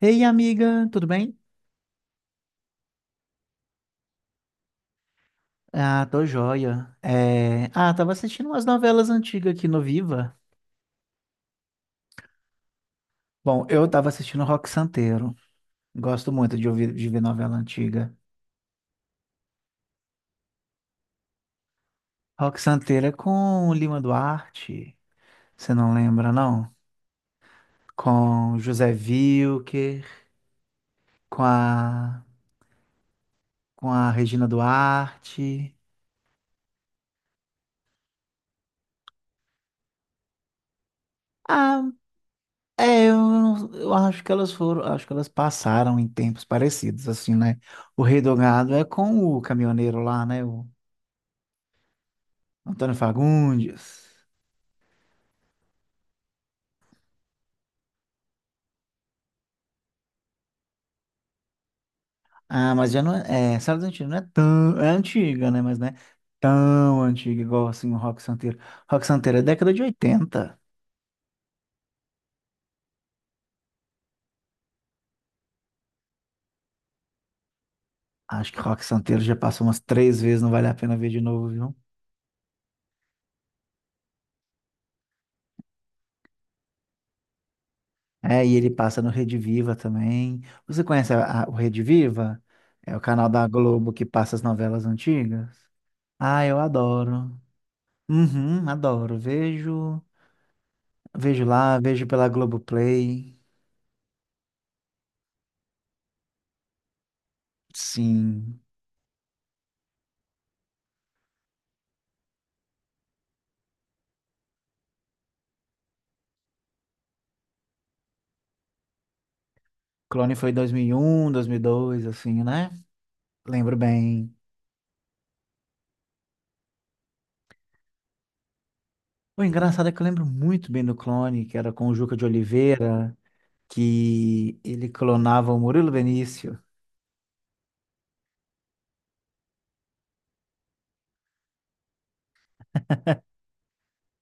Ei, amiga, tudo bem? Ah, tô joia. Ah, tava assistindo umas novelas antigas aqui no Viva. Bom, eu tava assistindo Rock Santeiro. Gosto muito de ouvir de ver novela antiga. Rock Santeiro é com o Lima Duarte. Você não lembra, não? Com José Wilker, com a, com a Regina Duarte. Ah. É, eu, não- Eu acho que elas foram, acho que elas passaram em tempos parecidos, assim, né? O Rei do Gado é com o caminhoneiro lá, né? O Antônio Fagundes. Ah, mas já não é, Sala dos Antigos não é tão, é antiga, né? Mas não é tão antiga igual, assim, o Rock Santeiro. Rock Santeiro é década de 80. Acho que Rock Santeiro já passou umas três vezes, não vale a pena ver de novo, viu? É, e ele passa no Rede Viva também. Você conhece o Rede Viva? É o canal da Globo que passa as novelas antigas. Ah, eu adoro. Uhum, adoro. Vejo pela Globoplay. Sim. Clone foi dois mil e um, 2002, assim, né? Lembro bem. O engraçado é que eu lembro muito bem do Clone, que era com o Juca de Oliveira, que ele clonava o Murilo Benício.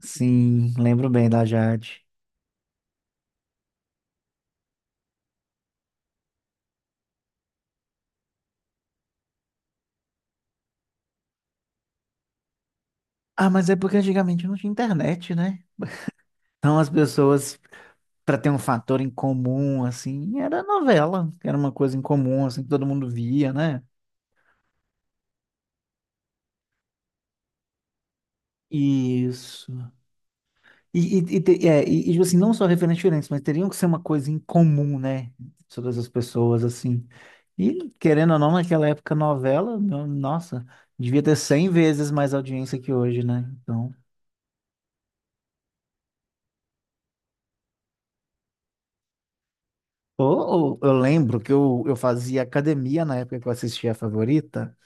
Sim, lembro bem da Jade. Ah, mas é porque antigamente não tinha internet, né? Então as pessoas para ter um fator em comum, assim, era novela, que era uma coisa em comum, assim, que todo mundo via, né? Isso. Tipo assim, não só referências diferentes, mas teriam que ser uma coisa em comum, né? Todas as pessoas, assim. E, querendo ou não, naquela época, novela, no- nossa, devia ter 100 vezes mais audiência que hoje, né? Então. Eu lembro que eu fazia academia na época que eu assistia a Favorita.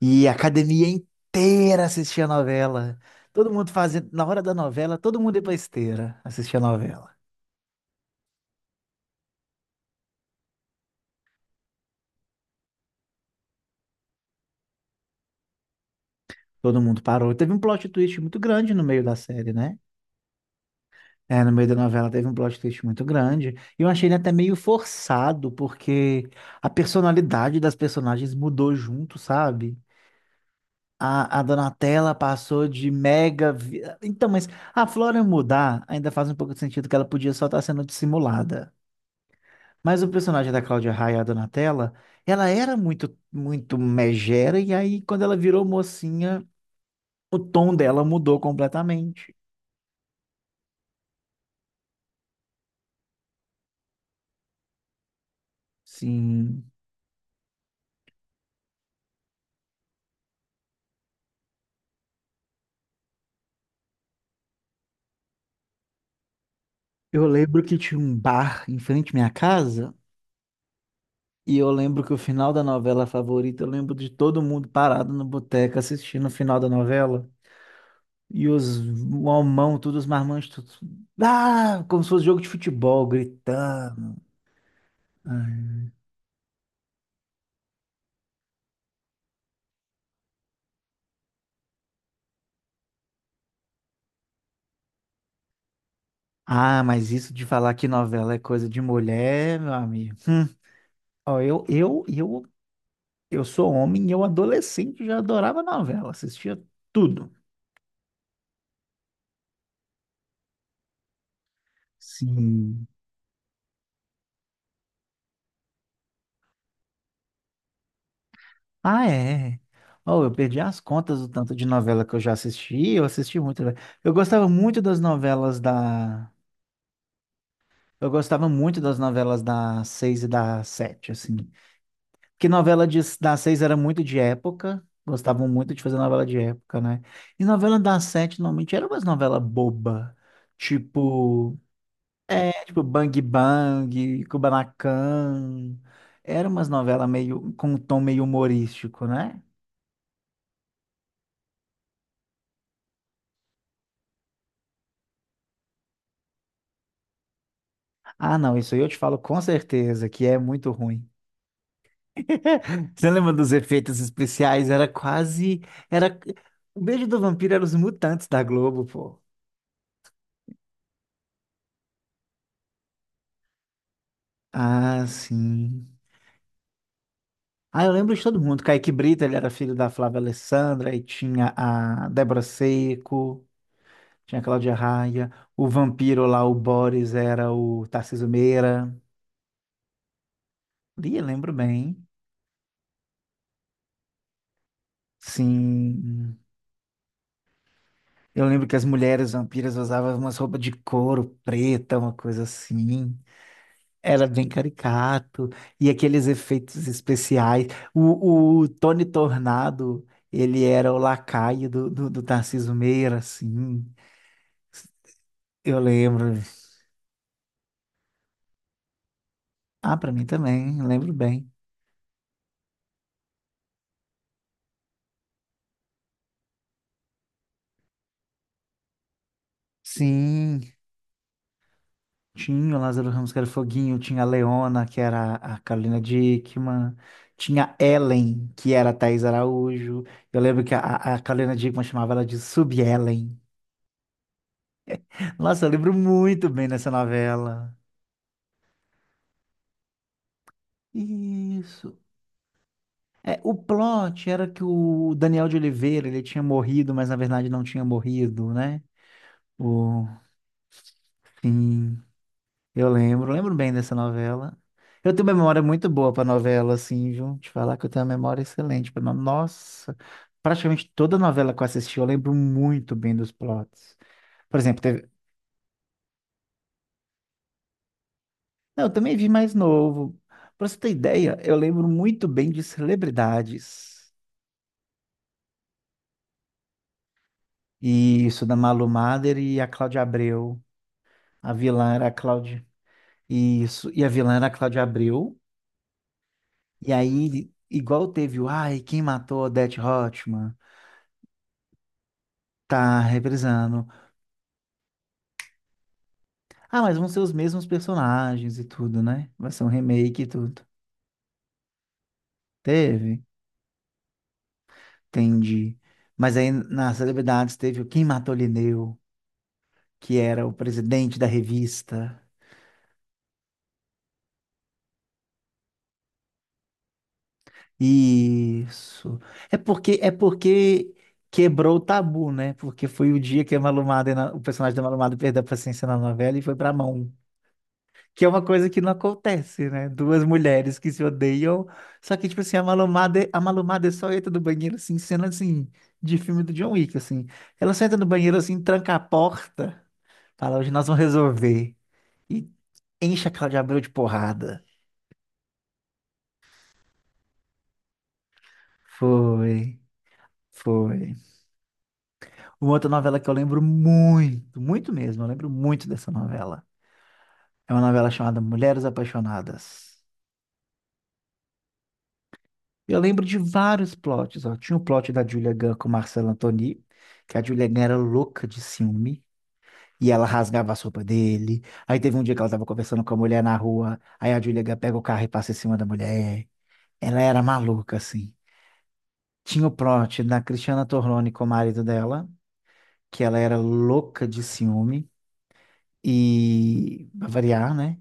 E a academia inteira assistia a novela. Todo mundo fazendo, na hora da novela, todo mundo ia pra esteira assistir a novela. Todo mundo parou. Teve um plot twist muito grande no meio da série, né? É, no meio da novela teve um plot twist muito grande. E eu achei ele até meio forçado, porque a personalidade das personagens mudou junto, sabe? A Donatella passou de Então, mas a Flora mudar ainda faz um pouco de sentido que ela podia só estar sendo dissimulada. Mas o personagem da Cláudia Raia, a Donatella, ela era muito, muito megera, e aí quando ela virou mocinha, o tom dela mudou completamente. Sim. Eu lembro que tinha um bar em frente à minha casa, e eu lembro que o final da novela favorita, eu lembro de todo mundo parado no boteco assistindo o final da novela. E os mamão, todos os marmanjos, todos, ah, como se fosse jogo de futebol, gritando. Ah, mas isso de falar que novela é coisa de mulher, meu amigo. Ó, eu sou homem e eu adolescente já adorava novela, assistia tudo. Sim. Ah, é. Oh, eu perdi as contas do tanto de novela que eu já assisti, eu assisti muito. Velho. Eu gostava muito das novelas da. Eu gostava muito das novelas da seis e da sete, assim. Porque da seis era muito de época, gostavam muito de fazer novela de época, né? E novela da sete normalmente era umas novela boba, tipo. É, tipo Bang Bang, Kubanacan. Era umas novelas meio com um tom meio humorístico, né? Ah, não, isso aí eu te falo com certeza que é muito ruim. Você lembra dos efeitos especiais? Era quase, era o beijo do vampiro era os mutantes da Globo, pô. Ah, sim. Ah, eu lembro de todo mundo. Kaique Brito, ele era filho da Flávia Alessandra, e tinha a Débora Seco, tinha a Cláudia Raia, o vampiro lá, o Boris, era o Tarcísio Meira. Ih, lembro bem. Sim. Eu lembro que as mulheres vampiras usavam umas roupas de couro preta, uma coisa assim. Era bem caricato. E aqueles efeitos especiais. O Tony Tornado, ele era o lacaio do Tarcísio Meira, assim. Eu lembro. Ah, pra mim também, lembro bem. Sim. Tinha o Lázaro Ramos, que era o Foguinho, tinha a Leona, que era a Carolina Dickman, tinha a Ellen, que era a Thaís Araújo. Eu lembro que a Carolina Dickman chamava ela de Sub-Ellen. Nossa, eu lembro muito bem dessa novela. Isso. É, o plot era que o Daniel de Oliveira, ele tinha morrido, mas na verdade não tinha morrido, né? O, sim. Lembro bem dessa novela. Eu tenho uma memória muito boa pra novela, assim, viu? Te falar que eu tenho uma memória excelente para. Nossa, praticamente toda novela que eu assisti, eu lembro muito bem dos plots. Por exemplo, teve... Não, eu também vi mais novo. Pra você ter ideia, eu lembro muito bem de Celebridades. E isso, da Malu Mader e a Cláudia Abreu. A vilã era a Cláudia... Isso, e a vilã era a Cláudia Abreu. E aí, igual teve o... Ai, quem matou Odete Roitman? Tá reprisando. Ah, mas vão ser os mesmos personagens e tudo, né? Vai ser um remake e tudo. Teve? Entendi. Mas aí nas celebridades teve o Quem Matou Lineu, que era o presidente da revista. Isso. É porque quebrou o tabu, né? Porque foi o dia que a Malumada, o personagem da Malumada perdeu a paciência na novela e foi pra mão. Que é uma coisa que não acontece, né? Duas mulheres que se odeiam, só que, tipo assim, a Malumada só entra no banheiro, assim, cena, assim, de filme do John Wick, assim. Ela só entra no banheiro, assim, tranca a porta, fala, hoje nós vamos resolver. E enche a Cláudia Abreu de porrada. Foi, foi. Uma outra novela que eu lembro muito, muito mesmo, eu lembro muito dessa novela. É uma novela chamada Mulheres Apaixonadas. Eu lembro de vários plots, ó. Tinha o plot da Julia Gunn com o Marcelo Antony, que a Julia Gunn era louca de ciúme, e ela rasgava a roupa dele. Aí teve um dia que ela tava conversando com a mulher na rua, aí a Julia Gunn pega o carro e passa em cima da mulher. Ela era maluca, assim. Tinha o plot da Cristiana Torloni com o marido dela, que ela era louca de ciúme, e pra variar, né?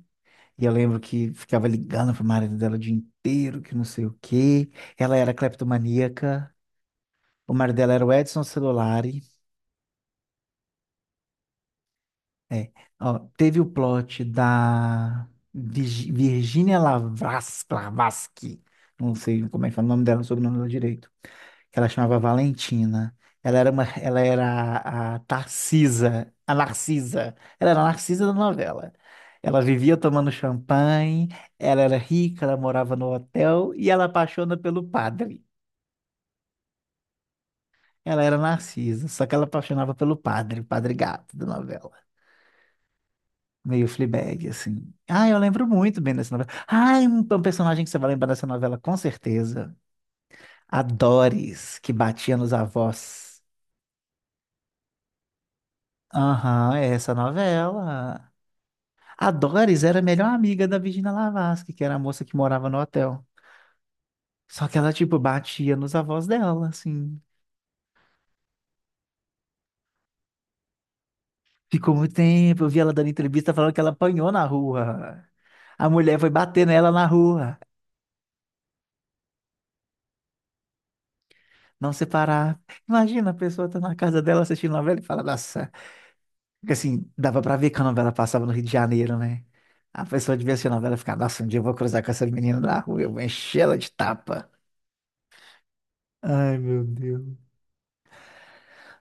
E eu lembro que ficava ligando pro marido dela o dia inteiro, que não sei o quê. Ela era cleptomaníaca. O marido dela era o Edson Celulari. É. Ó, teve o plot da Virginia Lavarsky. Não sei como é que fala o nome dela, o sobrenome dela direito. Que ela chamava Valentina. Ela era a Tarcisa, a Narcisa. Ela era a Narcisa da novela. Ela vivia tomando champanhe, ela era rica, ela morava no hotel e ela apaixona pelo padre. Ela era Narcisa, só que ela apaixonava pelo padre, o padre gato da novela. Meio Fleabag, assim. Ah, eu lembro muito bem dessa novela. Ah, é um personagem que você vai lembrar dessa novela, com certeza. A Doris, que batia nos avós. Aham, é essa novela. A Doris era a melhor amiga da Virginia Lavarsky, que era a moça que morava no hotel. Só que ela, tipo, batia nos avós dela, assim. Ficou muito tempo, eu vi ela dando entrevista falando que ela apanhou na rua. A mulher foi bater nela na rua. Não separar. Imagina a pessoa tá na casa dela assistindo novela e fala, nossa. Porque assim, dava pra ver que a novela passava no Rio de Janeiro, né? A pessoa devia assistir a novela e ficar, nossa, um dia eu vou cruzar com essa menina na rua, eu vou encher ela de tapa. Ai, meu Deus.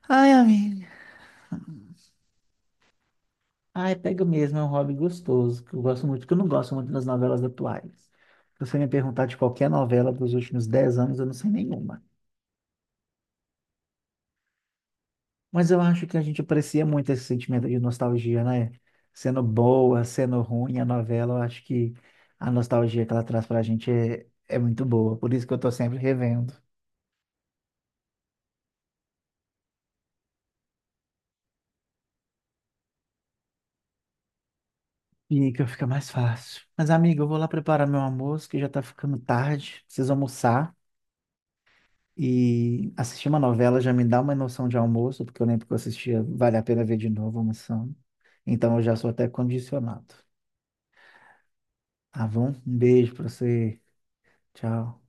Ai, amiga. Ai, pega mesmo, é um hobby gostoso, que eu gosto muito, que eu não gosto muito das novelas atuais. Se você me perguntar de qualquer novela dos últimos 10 anos, eu não sei nenhuma. Mas eu acho que a gente aprecia muito esse sentimento de nostalgia, né? Sendo boa, sendo ruim a novela, eu acho que a nostalgia que ela traz pra gente é, é muito boa. Por isso que eu tô sempre revendo. Fica, fica mais fácil. Mas, amigo, eu vou lá preparar meu almoço, que já tá ficando tarde. Preciso almoçar. E assistir uma novela já me dá uma noção de almoço, porque eu lembro que eu assistia Vale a Pena Ver de Novo almoçando. Então eu já sou até condicionado. Tá bom? Um beijo pra você. Tchau.